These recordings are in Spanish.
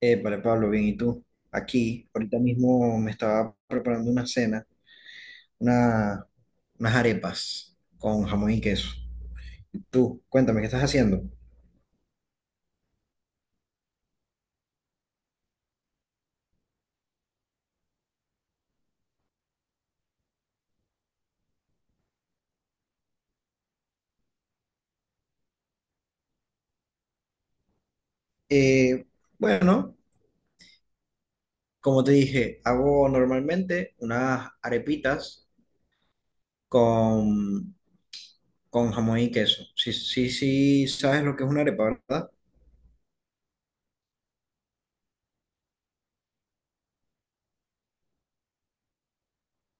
Vale, Pablo, bien, ¿y tú? Aquí, ahorita mismo me estaba preparando una cena, una, unas arepas con jamón y queso. Tú, cuéntame, ¿qué estás haciendo? Eh, bueno, como te dije, hago normalmente unas arepitas con, con jamón y queso. Sí, sí, sí, sabes lo que es una arepa, ¿verdad?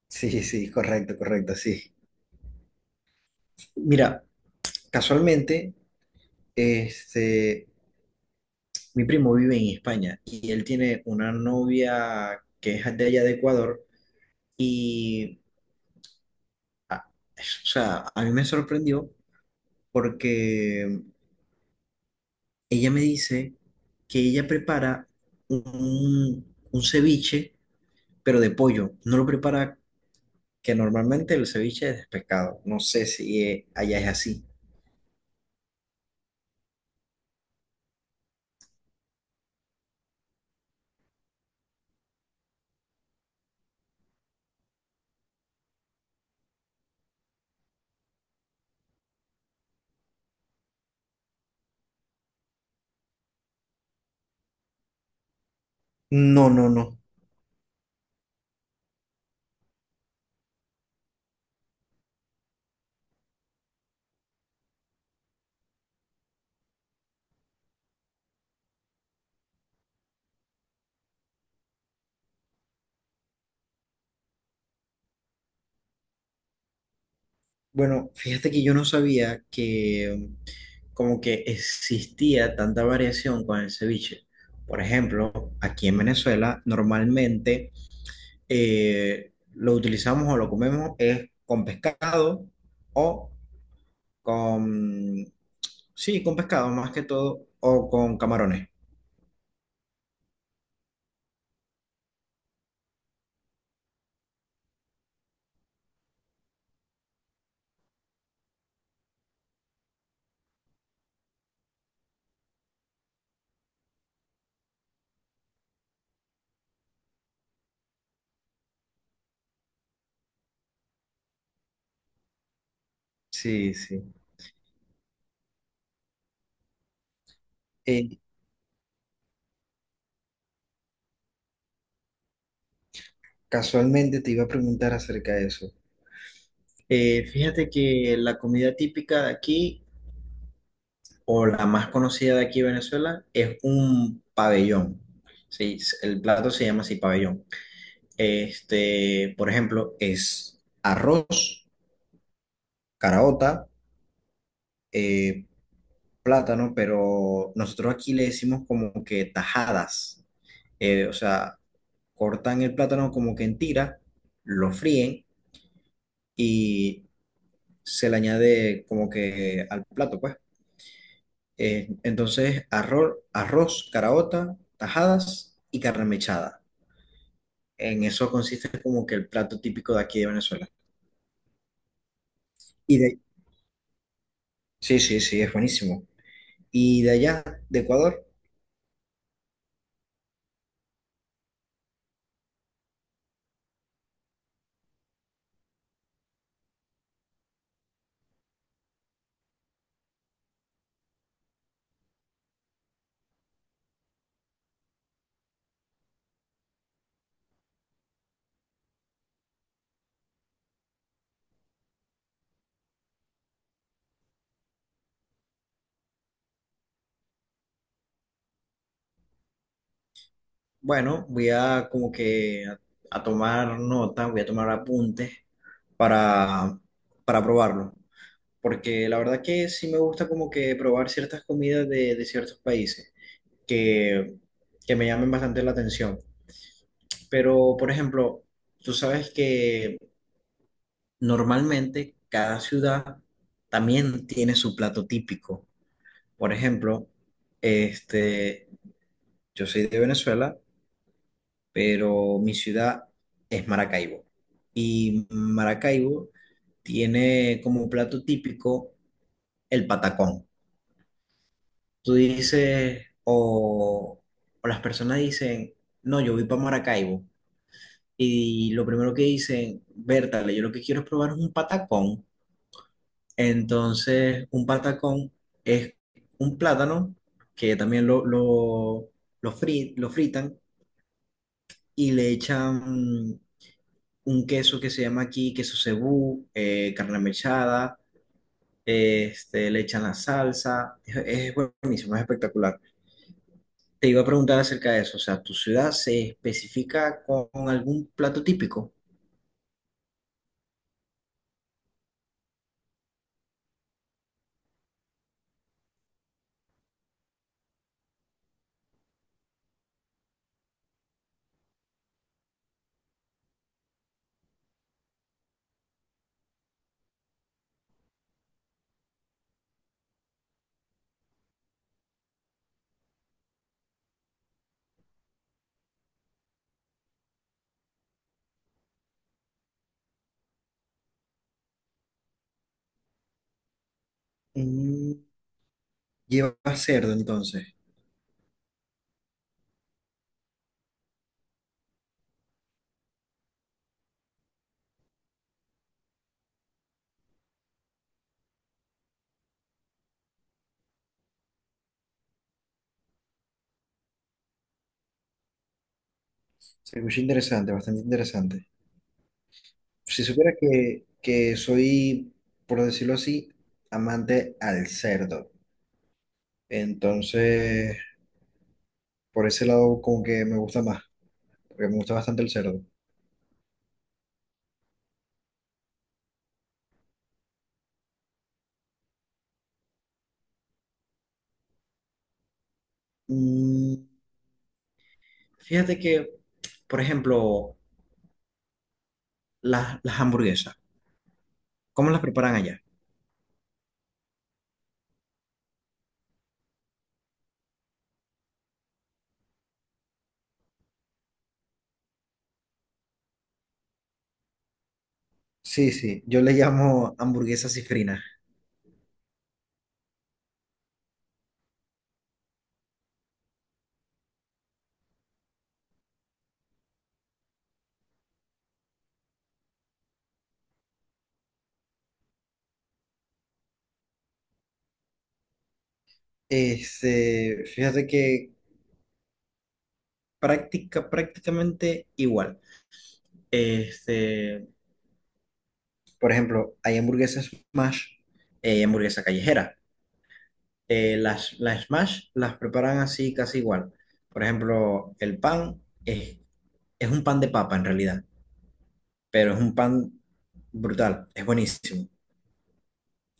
Sí, sí, correcto, correcto, sí. Mira, casualmente, este, mi primo vive en España y él tiene una novia que es de allá de Ecuador y, ah, o sea, a mí me sorprendió porque ella me dice que ella prepara un ceviche, pero de pollo. No lo prepara, que normalmente el ceviche es de pescado. No sé si allá es así. No, no, no. Bueno, fíjate que yo no sabía que como que existía tanta variación con el ceviche. Por ejemplo, aquí en Venezuela normalmente lo utilizamos o lo comemos es con pescado o con, sí, con pescado más que todo o con camarones. Sí, sí. Eh, casualmente te iba a preguntar acerca de eso. Fíjate que la comida típica de aquí o la más conocida de aquí de Venezuela, es un pabellón. Sí, el plato se llama así pabellón. Este, por ejemplo, es arroz, caraota, eh, plátano, pero nosotros aquí le decimos como que tajadas. O sea, cortan el plátano como que en tiras, lo fríen y se le añade como que al plato, pues. Entonces, arroz, caraota, tajadas y carne mechada. En eso consiste como que el plato típico de aquí de Venezuela. Y de... Sí, sí, sí, es buenísimo. Y de allá, de Ecuador, bueno, voy a como que a tomar nota, voy a tomar apuntes para, para probarlo. Porque la verdad que sí me gusta como que probar ciertas comidas de ciertos países que, que me llamen bastante la atención. Pero, por ejemplo, tú sabes que normalmente cada ciudad también tiene su plato típico. Por ejemplo, este, yo soy de Venezuela, pero mi ciudad es Maracaibo. Y Maracaibo tiene como un plato típico el patacón. Tú dices, o las personas dicen, no, yo voy para Maracaibo. Y lo primero que dicen, Bertale, yo lo que quiero es probar un patacón. Entonces, un patacón es un plátano que también lo lo fritan y le echan un queso que se llama aquí queso cebú, carne mechada, este, le echan la salsa, es buenísimo, es espectacular. Te iba a preguntar acerca de eso, o sea, ¿tu ciudad se especifica con algún plato típico? Mm, lleva cerdo entonces, se escucha interesante, bastante interesante. Si supiera que soy, por decirlo así, amante al cerdo, entonces por ese lado como que me gusta más. Porque me gusta bastante el cerdo. Mm, fíjate que, por ejemplo, las hamburguesas, ¿cómo las preparan allá? Sí, sí, yo le llamo hamburguesa cifrina. Este, fíjate que, prácticamente igual. Este, por ejemplo, hay hamburguesas smash, hamburguesa callejera. Las smash las preparan así casi igual. Por ejemplo, es un pan de papa en realidad. Pero es un pan brutal, es buenísimo.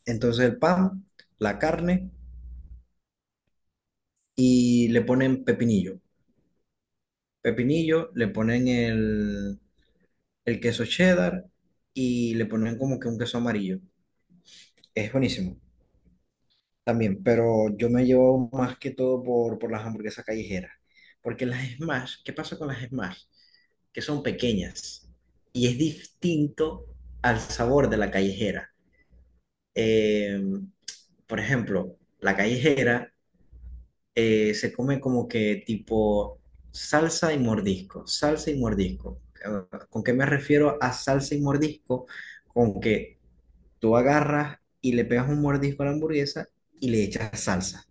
Entonces el pan, la carne y le ponen pepinillo. Pepinillo, el queso cheddar y le ponen como que un queso amarillo. Es buenísimo también, pero yo me llevo más que todo por las hamburguesas callejeras. Porque las Smash, ¿qué pasa con las Smash? Que son pequeñas y es distinto al sabor de la callejera. eh, por ejemplo, la callejera se come como que tipo salsa y mordisco, salsa y mordisco. ¿Con qué me refiero a salsa y mordisco? Con que tú agarras y le pegas un mordisco a la hamburguesa y le echas salsa,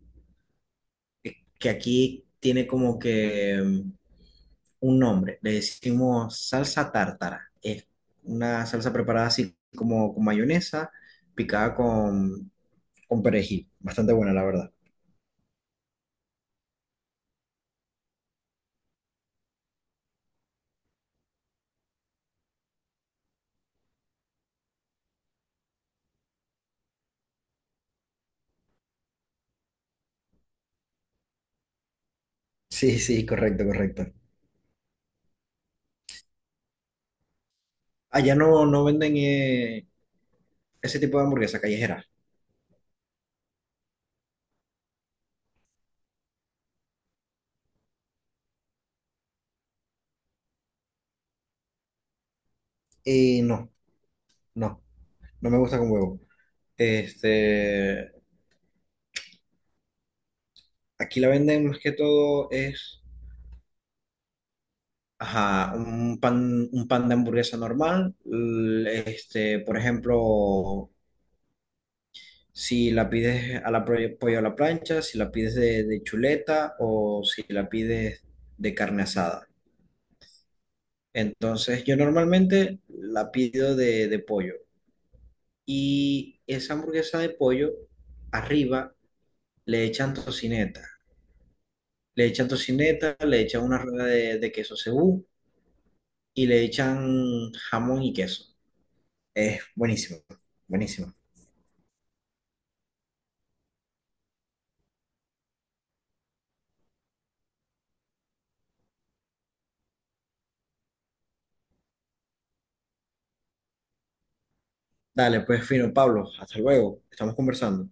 que aquí tiene como que un nombre, le decimos salsa tártara. Es una salsa preparada así como con mayonesa, picada con perejil. Bastante buena, la verdad. Sí, sí, correcto, correcto. Allá no, no venden ese tipo de hamburguesa callejera. No, no, no me gusta con huevo. Este, aquí la venden más que todo es, ajá, un pan de hamburguesa normal. Este, por ejemplo, si la pides a la pollo a la plancha, si la pides de chuleta o si la pides de carne asada. Entonces, yo normalmente la pido de pollo. Y esa hamburguesa de pollo, arriba le echan tocineta. Le echan tocineta, le echan una rueda de queso cebú y le echan jamón y queso. Es buenísimo, buenísimo. Dale, pues fino, Pablo, hasta luego. Estamos conversando.